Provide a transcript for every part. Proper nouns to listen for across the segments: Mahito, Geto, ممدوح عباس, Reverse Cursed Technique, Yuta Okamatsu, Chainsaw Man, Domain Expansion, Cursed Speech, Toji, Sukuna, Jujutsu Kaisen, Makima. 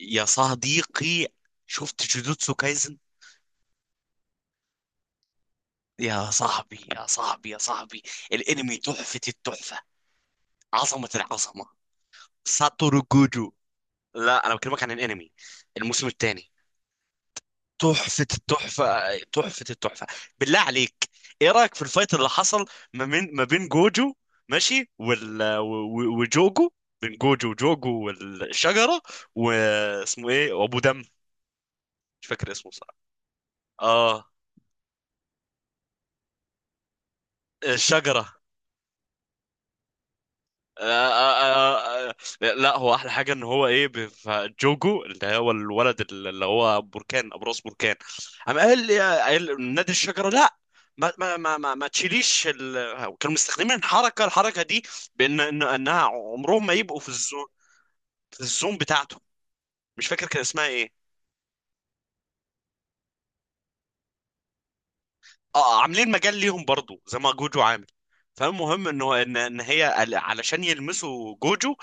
يا صديقي، شفت جوجوتسو كايزن؟ يا صاحبي يا صاحبي يا صاحبي، الانمي تحفة التحفة، عظمة العظمة. ساتورو جوجو. لا، انا بكلمك عن الانمي، الموسم الثاني. تحفة التحفة تحفة التحفة، بالله عليك. ايه رأيك في الفايت اللي حصل ما بين جوجو ماشي، وجوجو؟ بين جوجو وجوجو والشجرة، واسمه ايه، وابو دم، مش فاكر اسمه صح. اه، الشجرة. آه، آه، آه، آه، لا، هو احلى حاجه ان هو ايه جوجو اللي هو الولد اللي هو بركان، ابو راس بركان. قام قال لي قال نادي الشجره، لا. ما تشيليش ال... كانوا مستخدمين الحركه دي، بان انها عمرهم ما يبقوا في الزون، في الزون بتاعته. مش فاكر كان اسمها ايه. اه، عاملين مجال ليهم برضو زي ما جوجو عامل. فالمهم انه ان هي علشان يلمسوا جوجو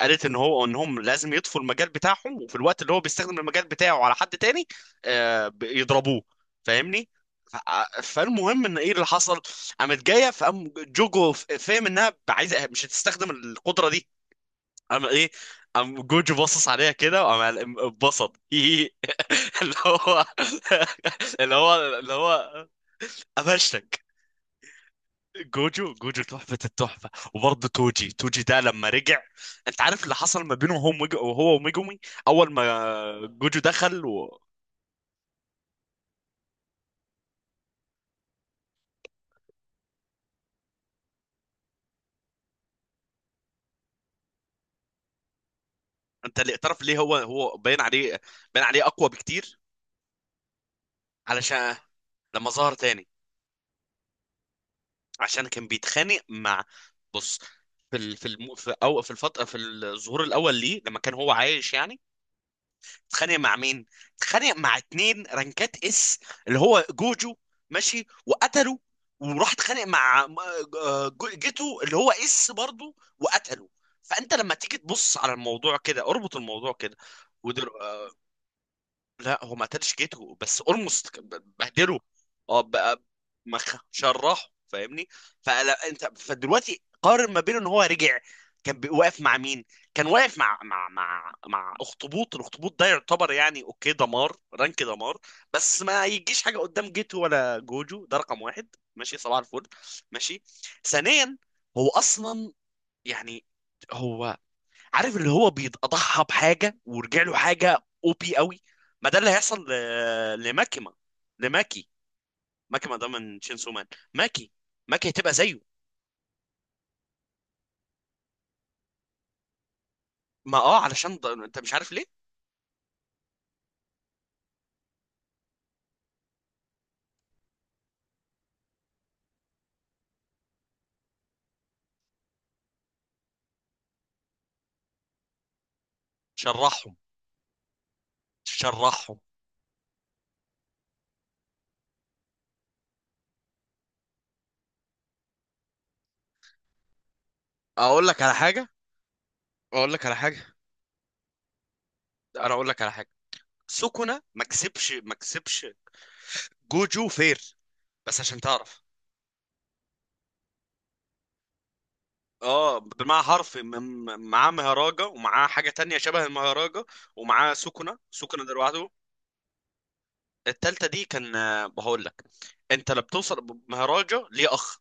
قالت ان هو انهم لازم يطفوا المجال بتاعهم، وفي الوقت اللي هو بيستخدم المجال بتاعه على حد تاني آه يضربوه. فاهمني؟ فالمهم ان ايه اللي حصل. قامت جايه، فقام جوجو فاهم انها عايزه مش هتستخدم القدره دي. قام ايه، قام جوجو باصص عليها كده وقام اتبسط. اللي هو اللي هو اللي هو قفشتك. جوجو جوجو تحفة التحفة. وبرضه توجي توجي ده لما رجع. انت عارف اللي حصل ما بينه هو وهو وميجومي اول ما جوجو دخل و... انت اللي اعترف ليه، هو باين عليه، باين عليه اقوى بكتير. علشان لما ظهر تاني عشان كان بيتخانق مع، بص، في ال... في الم... في او في الفترة، في الظهور الاول ليه لما كان هو عايش يعني، اتخانق مع مين؟ اتخانق مع اتنين رانكات اس اللي هو جوجو، ماشي، وقتله، وراح اتخانق مع آه جيتو اللي هو اس برضه وقتله. فانت لما تيجي تبص على الموضوع كده، اربط الموضوع كده. ودر... لا، هو ما قتلش جيتو بس اولموست بهدله. اه بقى، مخ شرحه، فاهمني؟ فلا انت فدلوقتي قارن ما بينه ان هو رجع، كان واقف مع مين؟ كان واقف مع اخطبوط. الاخطبوط ده يعتبر يعني اوكي، دمار، رانك دمار. بس ما يجيش حاجه قدام جيتو ولا جوجو. ده رقم واحد، ماشي، صباح الفل. ماشي. ثانيا، هو اصلا يعني هو، عارف اللي هو بيتضحى بحاجه ورجع له حاجه، او بي قوي. ما ده اللي هيحصل لماكيما. لماكي، ماكيما ده من شينسو مان. ماكي، ماكي هتبقى زيه. ما اه، علشان ده انت مش عارف ليه. شرحهم شرحهم. اقول لك على حاجه، اقول لك على حاجه. انا اقول لك على حاجه. سوكونا ما كسبش ما كسبش، جوجو فير. بس عشان تعرف، اه، بمعنى حرف معاه مهراجة ومعاه حاجة تانية شبه المهراجة، ومعاه سكنة. سكنة ده لوحده. التالتة دي كان آه، هقول لك. انت لما بتوصل مهراجة ليه اخ،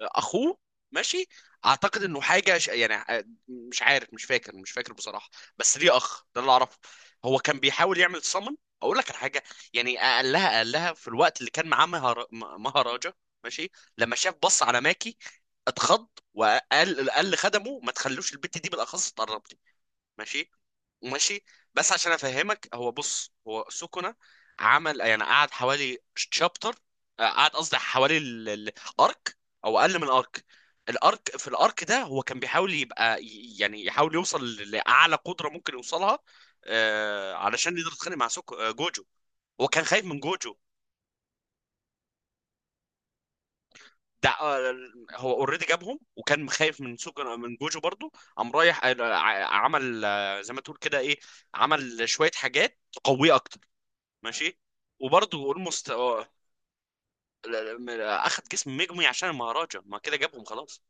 اخوه، ماشي. اعتقد انه حاجه ش... يعني مش عارف، مش فاكر، مش فاكر بصراحه. بس ليه اخ، ده اللي اعرفه. هو كان بيحاول يعمل صمن. اقول لك على حاجه، يعني قالها قالها في الوقت اللي كان معاه مهراجة، ماشي. لما شاف بص على ماكي اتخض، وقال قال لخدمه ما تخلوش البت دي بالاخص تقرب لي. ماشي، ماشي. بس عشان افهمك، هو بص، هو سكنة عمل يعني قعد حوالي شابتر، قعد قصدي حوالي الارك، او اقل من الارك. الارك، في الارك ده هو كان بيحاول يبقى يعني يحاول يوصل لاعلى قدرة ممكن يوصلها آه، علشان يقدر يتخانق مع سوكو آه، جوجو. هو كان خايف من جوجو. ده آه، هو اوريدي جابهم وكان خايف من سوكو، من جوجو برضو، قام رايح آه عمل آه، زي ما تقول كده ايه، عمل شوية حاجات تقويه اكتر، ماشي، وبرضه اولموست. اخد جسم مجمي عشان المهرجة ما كده جابهم خلاص،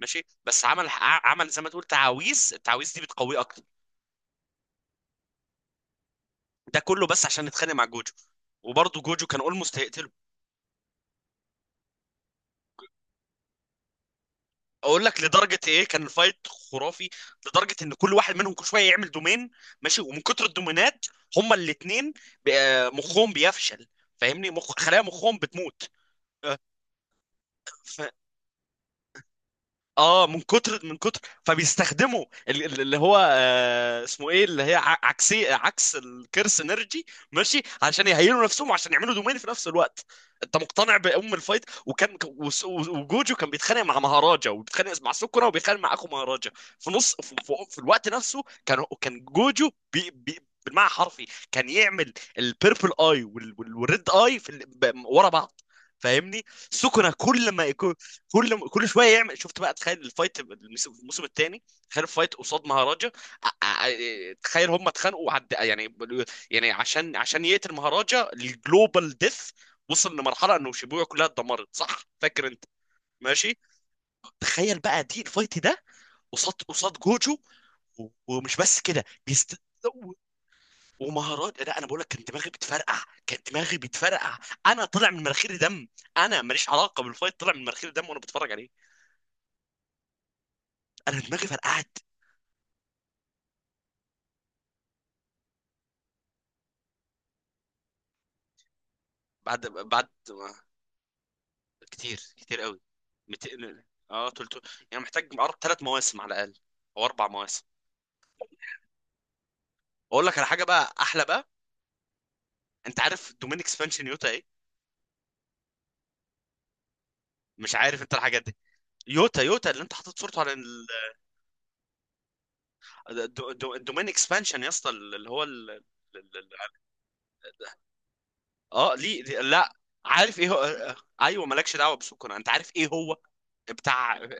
ماشي. بس عمل عمل زي ما تقول تعاويذ. التعاويذ دي بتقويه اكتر. ده كله بس عشان يتخانق مع جوجو، وبرضه جوجو كان اولموست هيقتله. اقول لك لدرجه ايه كان الفايت خرافي. لدرجه ان كل واحد منهم كل شويه يعمل دومين، ماشي، ومن كتر الدومينات هما الاثنين مخهم بيفشل، فاهمني؟ مخ، خلايا مخهم بتموت. اه، من كتر من كتر، فبيستخدموا اللي هو آه اسمه ايه، اللي هي عكسي عكس الكرس انرجي، ماشي، عشان يهيلوا نفسهم وعشان يعملوا دومين في نفس الوقت. انت مقتنع بام الفايت، وكان وجوجو كان بيتخانق مع مهاراجا، وبيتخانق مع سكرة، وبيتخانق مع اخو مهاراجا. في نص في الوقت نفسه كان كان جوجو بي بالمعنى حرفي. كان يعمل البيربل اي والريد اي في ورا بعض، فاهمني؟ سكنة كل ما، كل شويه يعمل. شفت بقى؟ تخيل الفايت الموسم الثاني. تخيل الفايت قصاد مهاراجا. تخيل هم اتخانقوا عد... يعني، يعني عشان عشان يقتل مهاراجا الجلوبال ديث. وصل لمرحله انه شيبويا كلها اتدمرت، صح، فاكر انت؟ ماشي. تخيل بقى دي الفايت ده قصاد جوجو و- ومش بس كده بيست، ومهارات. لا انا بقول لك كان دماغي بتفرقع، كان دماغي بتفرقع. انا طلع من مناخيري دم، انا ماليش علاقه بالفايت، طلع من مناخيري دم وانا بتفرج عليه. انا دماغي فرقعت. بعد كتير كتير قوي. 200، اه، 300. يعني محتاج 3 مواسم على الاقل، او 4 مواسم. اقول لك على حاجه بقى احلى بقى. انت عارف دومين اكسبانشن يوتا ايه؟ مش عارف انت الحاجات دي. يوتا، يوتا اللي انت حاطط صورته على الدو- دو- الدومين اكسبانشن يا اسطى اللي هو ال... ال- ال- اه ليه لا. عارف ايه هو آه، ايوه مالكش دعوه بسكنة. انت عارف ايه هو بتاع آه،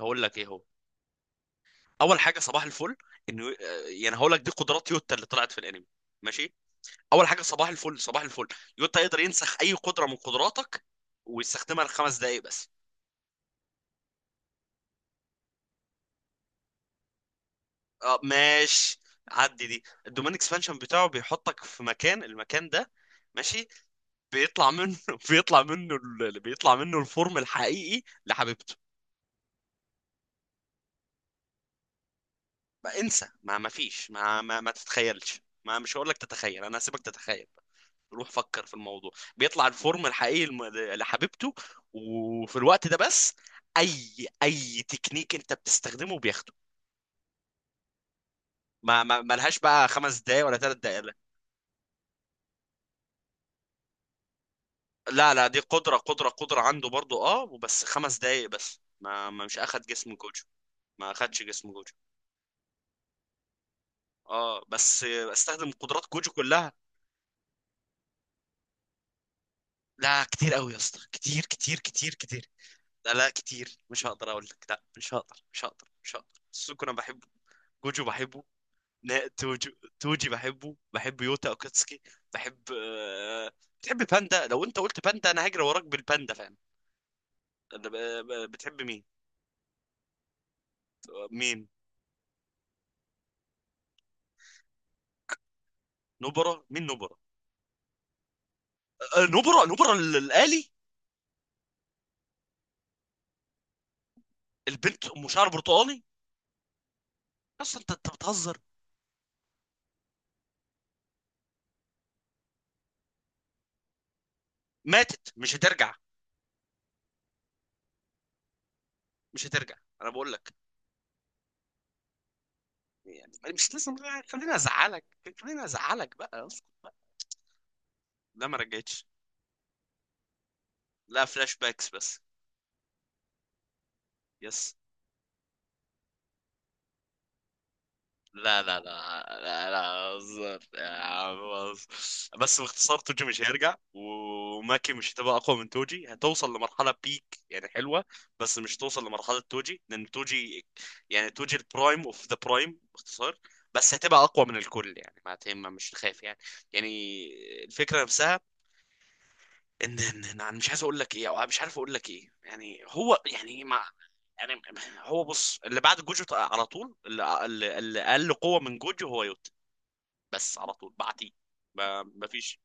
هقول لك ايه هو. اول حاجه صباح الفل، انه آه، يعني هقول لك دي قدرات يوتا اللي طلعت في الانمي، ماشي. اول حاجه صباح الفل صباح الفل، يوتا يقدر ينسخ اي قدره من قدراتك، ويستخدمها لـ5 دقائق بس. اه، ماشي. عدي دي الدومين اكسبانشن بتاعه، بيحطك في مكان. المكان ده، ماشي، بيطلع منه بيطلع منه بيطلع منه الفورم الحقيقي لحبيبته. ما انسى، ما ما فيش، ما تتخيلش، ما مش هقول لك تتخيل، انا هسيبك تتخيل. روح فكر في الموضوع. بيطلع الفورم الحقيقي لحبيبته، وفي الوقت ده بس اي تكنيك انت بتستخدمه بياخده. ما لهاش بقى 5 دقايق ولا 3 دقايق، لا. لا، لا، دي قدرة عنده برضو اه، وبس 5 دقايق بس، ما, ما مش اخد جسم جوجو. ما اخدش جسم جوجو. اه، بس استخدم قدرات جوجو كلها. لا كتير قوي يا اسطى، كتير كتير كتير كتير. لا لا، كتير مش هقدر اقول لك. لا مش هقدر، مش هقدر، مش هقدر. سوكو انا بحبه، جوجو بحبه. نا توجو، توجي بحبه، بحب يوتا اوكاتسكي، بحب آه... بتحب باندا؟ لو انت قلت باندا انا هجري وراك بالباندا، فاهم؟ آه، بتحب مين؟ مين نبرة؟ مين نبرة؟ آه، نبرة نبرة الآلي؟ البنت أم شعر برتقالي. أصلا أنت بتهزر. ماتت مش هترجع، مش هترجع. أنا بقول لك، يعني مش لازم. خليني أزعلك، خليني أزعلك بقى. اسكت بقى. لا، ما رجعتش. لا، فلاش باكس بس. يس. لا لا لا لا لا، هزار يا عم، هزار. بس باختصار توجي مش هيرجع، وماكي مش هتبقى اقوى من توجي، هتوصل لمرحله بيك، يعني حلوه. بس مش توصل لمرحله توجي، لان توجي، يعني توجي البرايم اوف ذا برايم باختصار. بس هتبقى اقوى من الكل، يعني ما تهم، مش خايف يعني. يعني الفكره نفسها، ان ان انا مش عايز اقول لك ايه او مش عارف اقول لك ايه، يعني هو يعني ما، يعني هو بص اللي بعد جوجو على طول اللي اقل قوه من جوجو هو يوتا. بس على طول بعديه، ما فيش.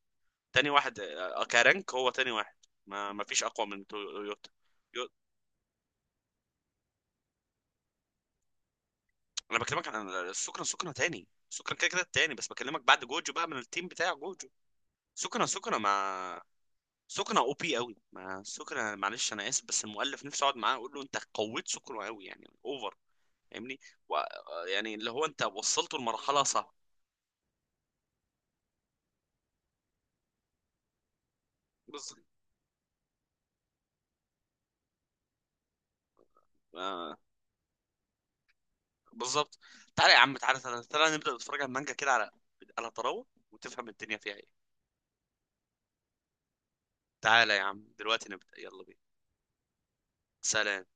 تاني واحد آه، كرانك هو تاني واحد. ما فيش اقوى من يوتا. يو- انا بكلمك عن السكنة. سكنة تاني، سكنة كده كده تاني، بس بكلمك بعد جوجو بقى من التيم بتاع جوجو. سكنة مع سكنة او بي قوي. ما سكنة معلش انا اسف، بس المؤلف نفسه اقعد معاه اقول له انت قويت سكنة قوي يعني اوفر، فاهمني؟ و... يعني اللي هو انت وصلته لمرحله صعبه. بالظبط. آه بالظبط. تعالى يا عم، تعالى تعالى, تعالى نبدا نتفرج على المانجا كده، على على طراوه، وتفهم الدنيا فيها ايه. تعالى يا عم دلوقتي نبدا، يلا بينا. سلام.